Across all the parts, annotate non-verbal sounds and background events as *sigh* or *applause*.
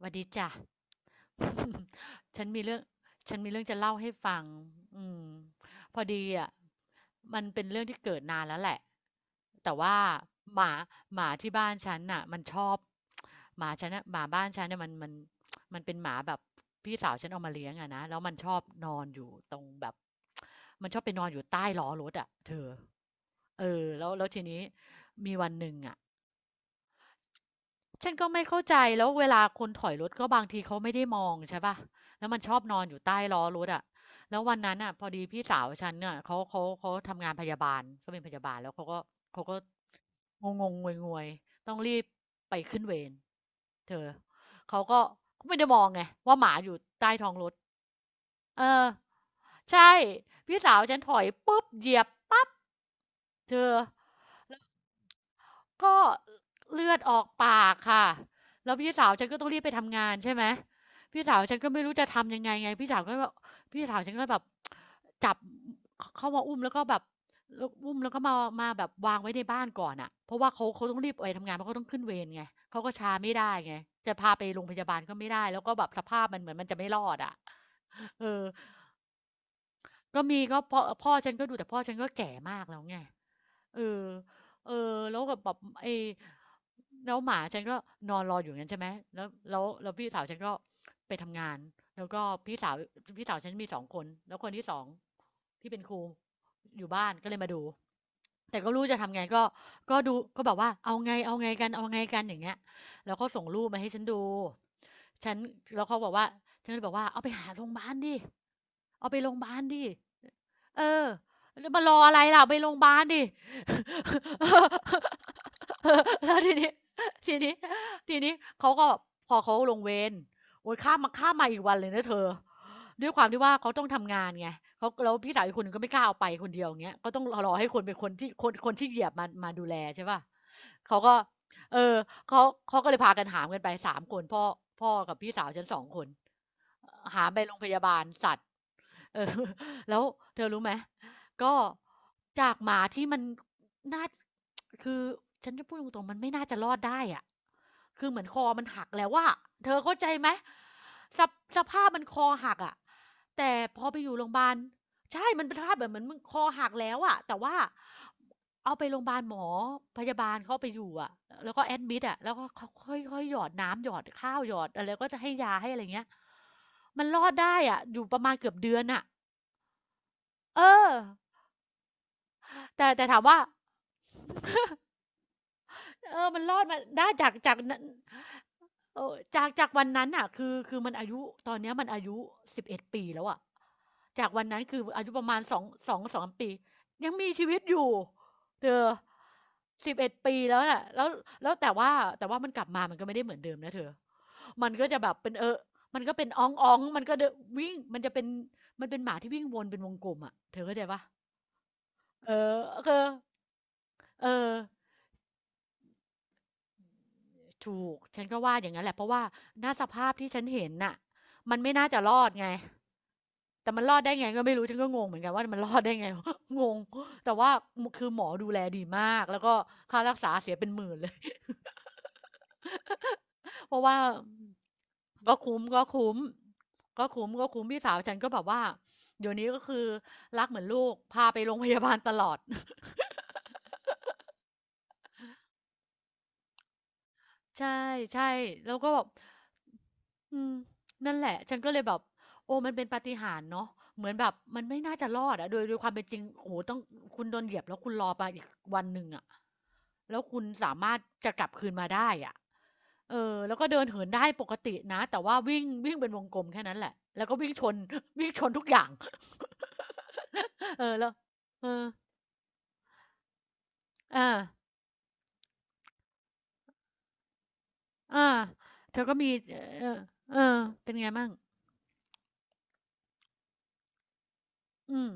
หวัดดีจ้ะ *laughs* ฉันมีเรื่อง ฉันมีเรื่องจะเล่าให้ฟังอืมพอดีอ่ะมันเป็นเรื่องที่เกิดนานแล้วแหละแต่ว่าหมาหมาที่บ้านฉันน่ะมันชอบหมาฉันน่ะหมาบ้านฉันเนี่ยมันมันเป็นหมาแบบพี่สาวฉันเอามาเลี้ยงอะนะแล้วมันชอบนอนอยู่ตรงแบบมันชอบไปนอนอยู่ใต้ล้อรถอะเธอเออแล้วทีนี้ มีวันหนึ่งอ่ะ ฉันก็ไม่เข้าใจแล้วเวลาคนถอยรถก็บางทีเขาไม่ได้มองใช่ป่ะแล้วมันชอบนอนอยู่ใต้ล้อรถอะแล้ววันนั้นอ่ะพอดีพี่สาวฉันเน่ยเขาทำงานพยาบาลเขาเป็นพยาบาลแล้วเขาก็งงงงวยๆต้องรีบไปขึ้นเวรเธอเขาก็เขาไม่ได้มองไงว่าหมาอยู่ใต้ท้องรถเออใช่พี่สาวฉันถอยปุ๊บเหยียบปั๊บเธอ ก็เลือดออกปากค่ะแล้วพี่สาวฉันก็ต้องรีบไปทำงานใช่ไหมพี่สาวฉันก็ไม่รู้จะทำยังไงไงพี่สาวก็แบบพี่สาวฉันก็แบบจับขเข้ามาอุ้มแล้วก็แบบแล้วอุ้มแล้วก็มามาแบบวางไว้ในบ้านก่อนน่ะเพราะว่าเขาต้องรีบไปทำงานเพราะเขาต้องขึ้นเวรไงเขาก็ช้าไม่ได้ไงจะพาไปโรงพยาบาลก็ไม่ได้แล้วก็แบบสภาพมันเหมือนมันจะไม่รอดอะเออก็มีก็พ่อฉันก็ดูแต่พ่อฉันก็แก่มากแล้วไง เออเออแล้วกบบแบบไอ้แล้วหมาฉันก็นอนรออยู่อย่างนั้นใช่ไหมแล้วพี่สาวฉันก็ไปทำงานแล้วก็พี่สาวพี่สาวฉันมีสองคนแล้วคนที่สองที่เป็นครูอยู่บ้านก็เลยมาดู แต่ก็ไม่รู้จะทำไงก็ดูก็แบบว่าเอาไงกันเอาไงกันอย่างเงี้ยแล้วเขาส่งรูปมาให้ฉันดูฉันแล้วเขาบอกว่าฉันก็เลยบอกว่าเอาไปหาโรงพยาบาลดิเอาไปโรงพยาบาลดิเออแล้วมารออะไรล่ะไปโรงพยาบาลดิ *laughs* แล้วทีนี้ทีนี้ทีนี้เขาก็พอเขาลงเวรโอ้ยข้ามมาอีกวันเลยนะเธอ ด้วยความที่ว่าเขาต้องทำงานไงเขาแล้วพี่สาวอีกคนหนึงก็ไม่กล้าเอาไปคนเดียวอย่างเงี้ยก็ต้องรอให้คนเป็นคนที่คนที่เหยียบมามาดูแลใช่ป่ะเขาก็เออเขาเขาก็เลยพากันหามกันไปสามคนพ่อกับพี่สาวฉันสองคน หามไปโรงพยาบาลสัตว์ เออ *laughs* แล้วเธอรู้ไหมก็จากหมาที่มันน่า *tsk* คือฉันจะพูดตรงๆมันไม่น่าจะรอดได้อะคือเหมือนคอมันหักแล้วว่าเธอเข้าใจไหมสภสภาพมันคอหักอ่ะแต่พอไปอยู่โรงพยาบาลใช่มันเป็นสภาพแบบเหมือนมึงคอหักแล้วอ่ะแต่ว่า เอาไปโรงพยาบาลหมอพยาบาลเขาเอาไปอยู่อะแล้วก็แอดมิดอะแล้วก็ค่อยค่อยหยอดน้ำหยอดข้าวหยอดอะไรก็จะให้ยาให้อะไรเงี้ยมันรอดได้อะอยู่ประมาณเกือบเดือนอ่ะเออแต่ถามว่าเออมันรอดมาได้จาก เออจากวันนั้นน่ะคือมันอายุตอนเนี้ยมันอายุ11ปีแล้วอะจากวันนั้นคืออายุประมาณสองปียังมีชีวิตอยู่เธอสิบเอ็ดปีแล้วน่ะแล้วแล้วแต่ว่าแต่ว่ามันกลับมามันก็ไม่ได้เหมือนเดิมนะเธอมันก็จะแบบเป็นเออมันก็เป็นอ๊องๆมันก็เดอะวิ่งมันจะเป็นมันเป็นหมาที่วิ่งวนเป็นวงกลมอะเธอเข้าใจเปล่าเออเธอเออถูกฉันก็ว่าอย่างงั้นแหละเพราะว่าณสภาพที่ฉันเห็นน่ะมันไม่น่าจะรอดไง แต่มันรอดได้ไงก็ไม่รู้ฉันก็งงเหมือนกันว่ามันรอดได้ไง *laughs* งง แต่ว่าคือหมอดูแลดีมากแล้วก็ค่ารักษาเสียเป็นหมื่นเลย *laughs* เพราะว่าก็คุ้มก็คุ้มก็คุ้มก็คุ้มพี่สาวฉันก็แบบว่าเดี๋ยวนี้ก็คือรักเหมือนลูกพาไปโรงพยาบาลตลอด ใช่ๆแล้วก็แบบอืมนั่นแหละฉันก็เลยแบบโอ้มันเป็นปาฏิหาริย์เนาะเหมือนแบบมันไม่น่าจะรอดอะโดยความเป็นจริงโอ้โหต้องคุณโดนเหยียบแล้วคุณรอไปอีกวันหนึ่งอะแล้วคุณสามารถจะกลับคืนมาได้อะเออแล้วก็เดินเหินได้ปกตินะแต่ว่าวิ่งวิ่งเป็นวงกลมแค่นั้นแหละแล้วก็วิ่งชน *laughs* วิ่งชนทุกอย่าง *laughs* เออแล้วเอออาอาเธอก็มีเออเออเป็นไงมั่งอืม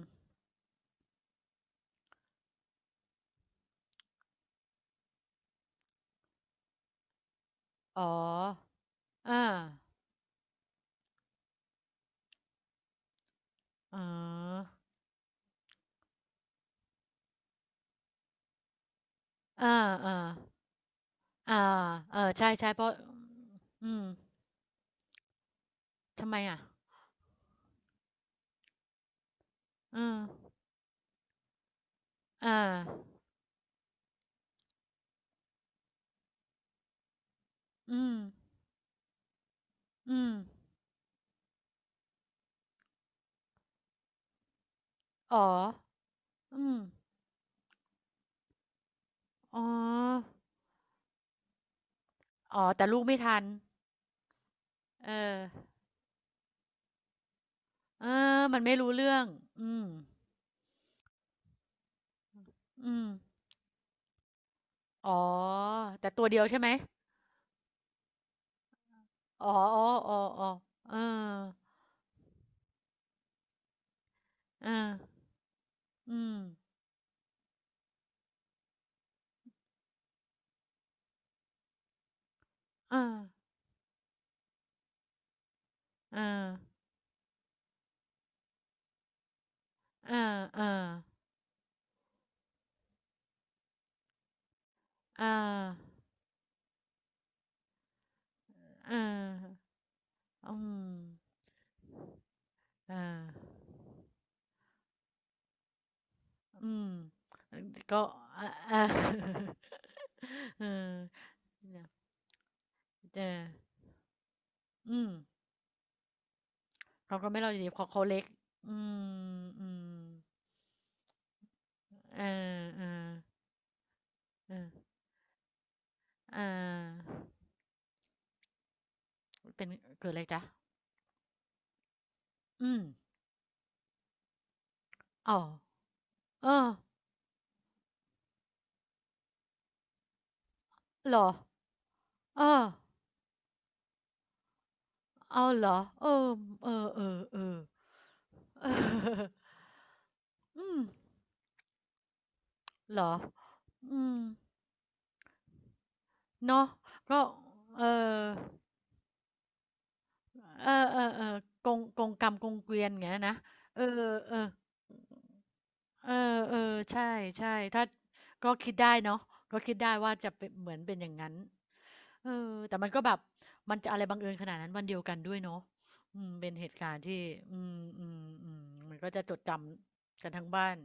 อ๋ออาอ๋ออาอ่าอาเออ ใช่ใช่เพราะ อืมทำไมอะอือออาอืมอืมอ๋ออืมอ๋ออ๋อแต่ลูกไม่ทันเออเออ มันไม่รู้เรื่อง อืมอืมอ๋อแต่ตัวเดียวใช่ไหมอ๋ออออออ๋อเออเอออืมเออเออเออๆอาเออเออ อืมอาอืมก็อาอา *laughs* เออเนี่ยเจออืมเขาก็ไม่เล่าอยู่ดีเพราะเขาเล็กอืมอืมเออๆเออเอาเป็นเกิดอะไรจ๊ะอืมอ้าเออเหรอ เออเอ้าเหรอเออเออเออเออเอออืมเหรออืมเนาะก็เออ เออเออเออกงกงกรรมกงเกวียนอย่างเงี้ยนะเออเออเออๆใช่ใช่ถ้าก็คิดได้เนาะก็คิดได้ว่าจะเป็นเหมือนเป็นอย่างนั้นเออแต่มันก็แบบมันจะอะไรบังเอิญขนาดนั้นวันเดียวกันด้วยเนาะอืมเป็นเหตุการณ์ที่อืมอืมอืมมันก็จะจดจำกันทั้งบ้าน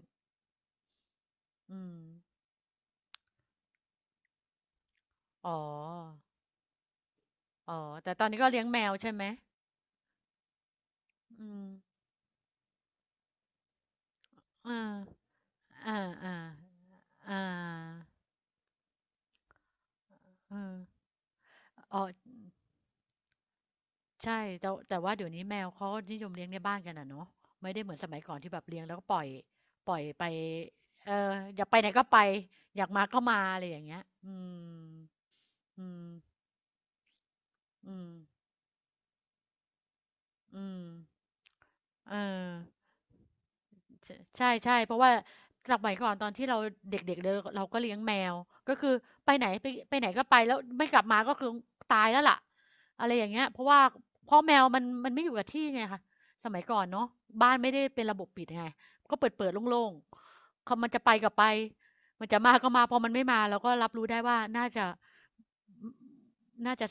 อืมอ๋ออ๋อแต่ตอนนี้ก็เลี้ยงแมวใช่ไหมอืมอ่าอาอ่าอ่าเอออ๋อ ใช่แต่แต่ว่าเดี๋ยวนี้แมวเขาก็นิยมเลี้ยงในบ้านกันอะเนาะไม่ได้เหมือนสมัยก่อนที่แบบเลี้ยงแล้วก็ปล่อยปล่อยไปเอออยากไปไหนก็ไปอยากมาก็มาอะไรอย่างเงี้ยอืมอืมอืมอืมเออ ใช่ใช่ใช่เพราะว่าสมัยก่อนตอนที่เราเด็กๆเลยเราก็เลี้ยงแมวก็คือไปไหนไปไปไหนก็ไปแล้วไม่กลับมาก็คือตายแล้วล่ะอะไรอย่างเงี้ยเพราะว่าเพราะแมวมันมันไม่อยู่กับที่ไงคะสมัยก่อนเนาะบ้านไม่ได้เป็นระบบปิดไงก็เปิดๆโล่งๆเขามันจะไปก็ไปมันจะมาก็มาพอมันไม่มาเราก็รับรู้ได้ว่าน่าจะน่าจะ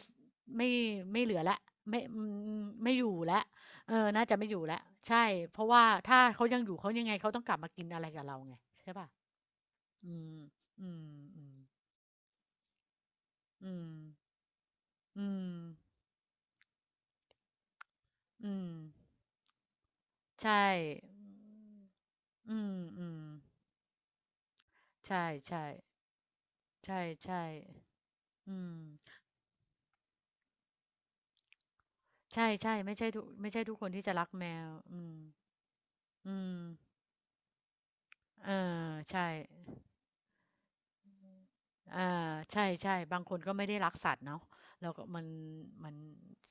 ไม่ไม่เหลือแล้วไม่ไม่อยู่แล้ว เออน่าจะไม่อยู่แล้วใช่เพราะว่าถ้าเขายังอยู่เขายังไงเขาต้องกลับมากินอะไรกับเราไงใช่เปล่าอืมอืมอืมอืมอืมอืมใช่อืมอืมใช่ๆใช่ใช่อืมใช่ๆไม่ใช่ทุกไม่ใช่ทุกคนที่จะรักแมวอืมอืมเออใช่อาใช่ๆบางคนก็ไม่ได้รักสัตว์เนาะแล้วก็มันมัน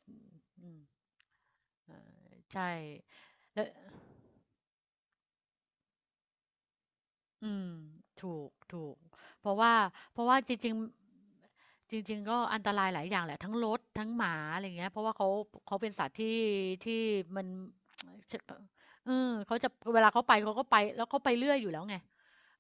อืมเออใช่แล้ว อืมถูกถูกเพราะว่าเพราะว่าจริงๆจริงๆก็อันตรายหลายอย่างแหละทั้งรถทั้งหมาอะไรอย่างเงี้ยเพราะว่าเขาเขาเป็นสัตว์ที่ที่มัน *tsk* ชเออเขาจะเวลาเขาไปเขาก็ไปแล้วเขาไปเรื่อยอยู่แล้วไง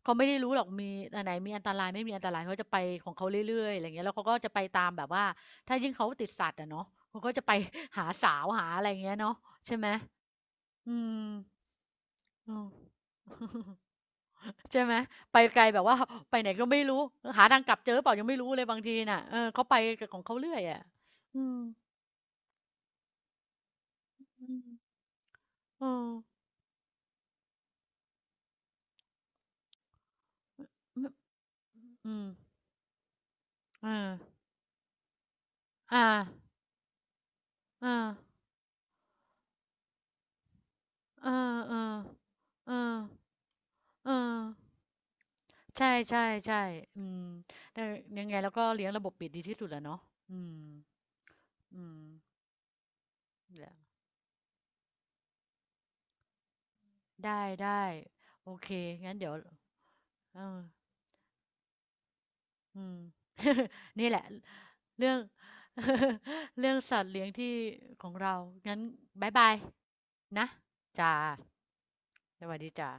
เขาไม่ได้รู้หรอกมีอันไหนมีอันตรายไม่มีอันตรายเขาจะไปของเขาเรื่อยๆอะไรอย่างเงี้ยแล้วเขาก็จะไปตามแบบว่าถ้ายิ่งเขาติดสัตว์อะเนาะเขาก็จะไป *laughs* หาสาวหาอะไรอย่างเงี้ยเนาะใช่ไหมอืมอืม ใช่ไหมไปไกลแบบว่า *laughs* ไปไหนก็ไม่รู้หาทางกลับเจอหรือเปล่ายังไม่รู้เลยบางทีน่ะเออเขาไปกับของเขาเรื่อยอะอืมอืมอมอมอืมเอออาอ่าเออเออเออเออใช่ใช่ใช่อืมแต่ยังไงเราก็เลี้ยงระบบปิดดีที่สุดแหละเนาะอืมอืมเดี๋ยวได้ได้โอเคงั้นเดี๋ยวเออ อืม *laughs* นี่แหละเรื่อง *laughs* เรื่องสัตว์เลี้ยงที่ของเรางั้นบ๊ายบายนะจ้าสวัสดีจ้า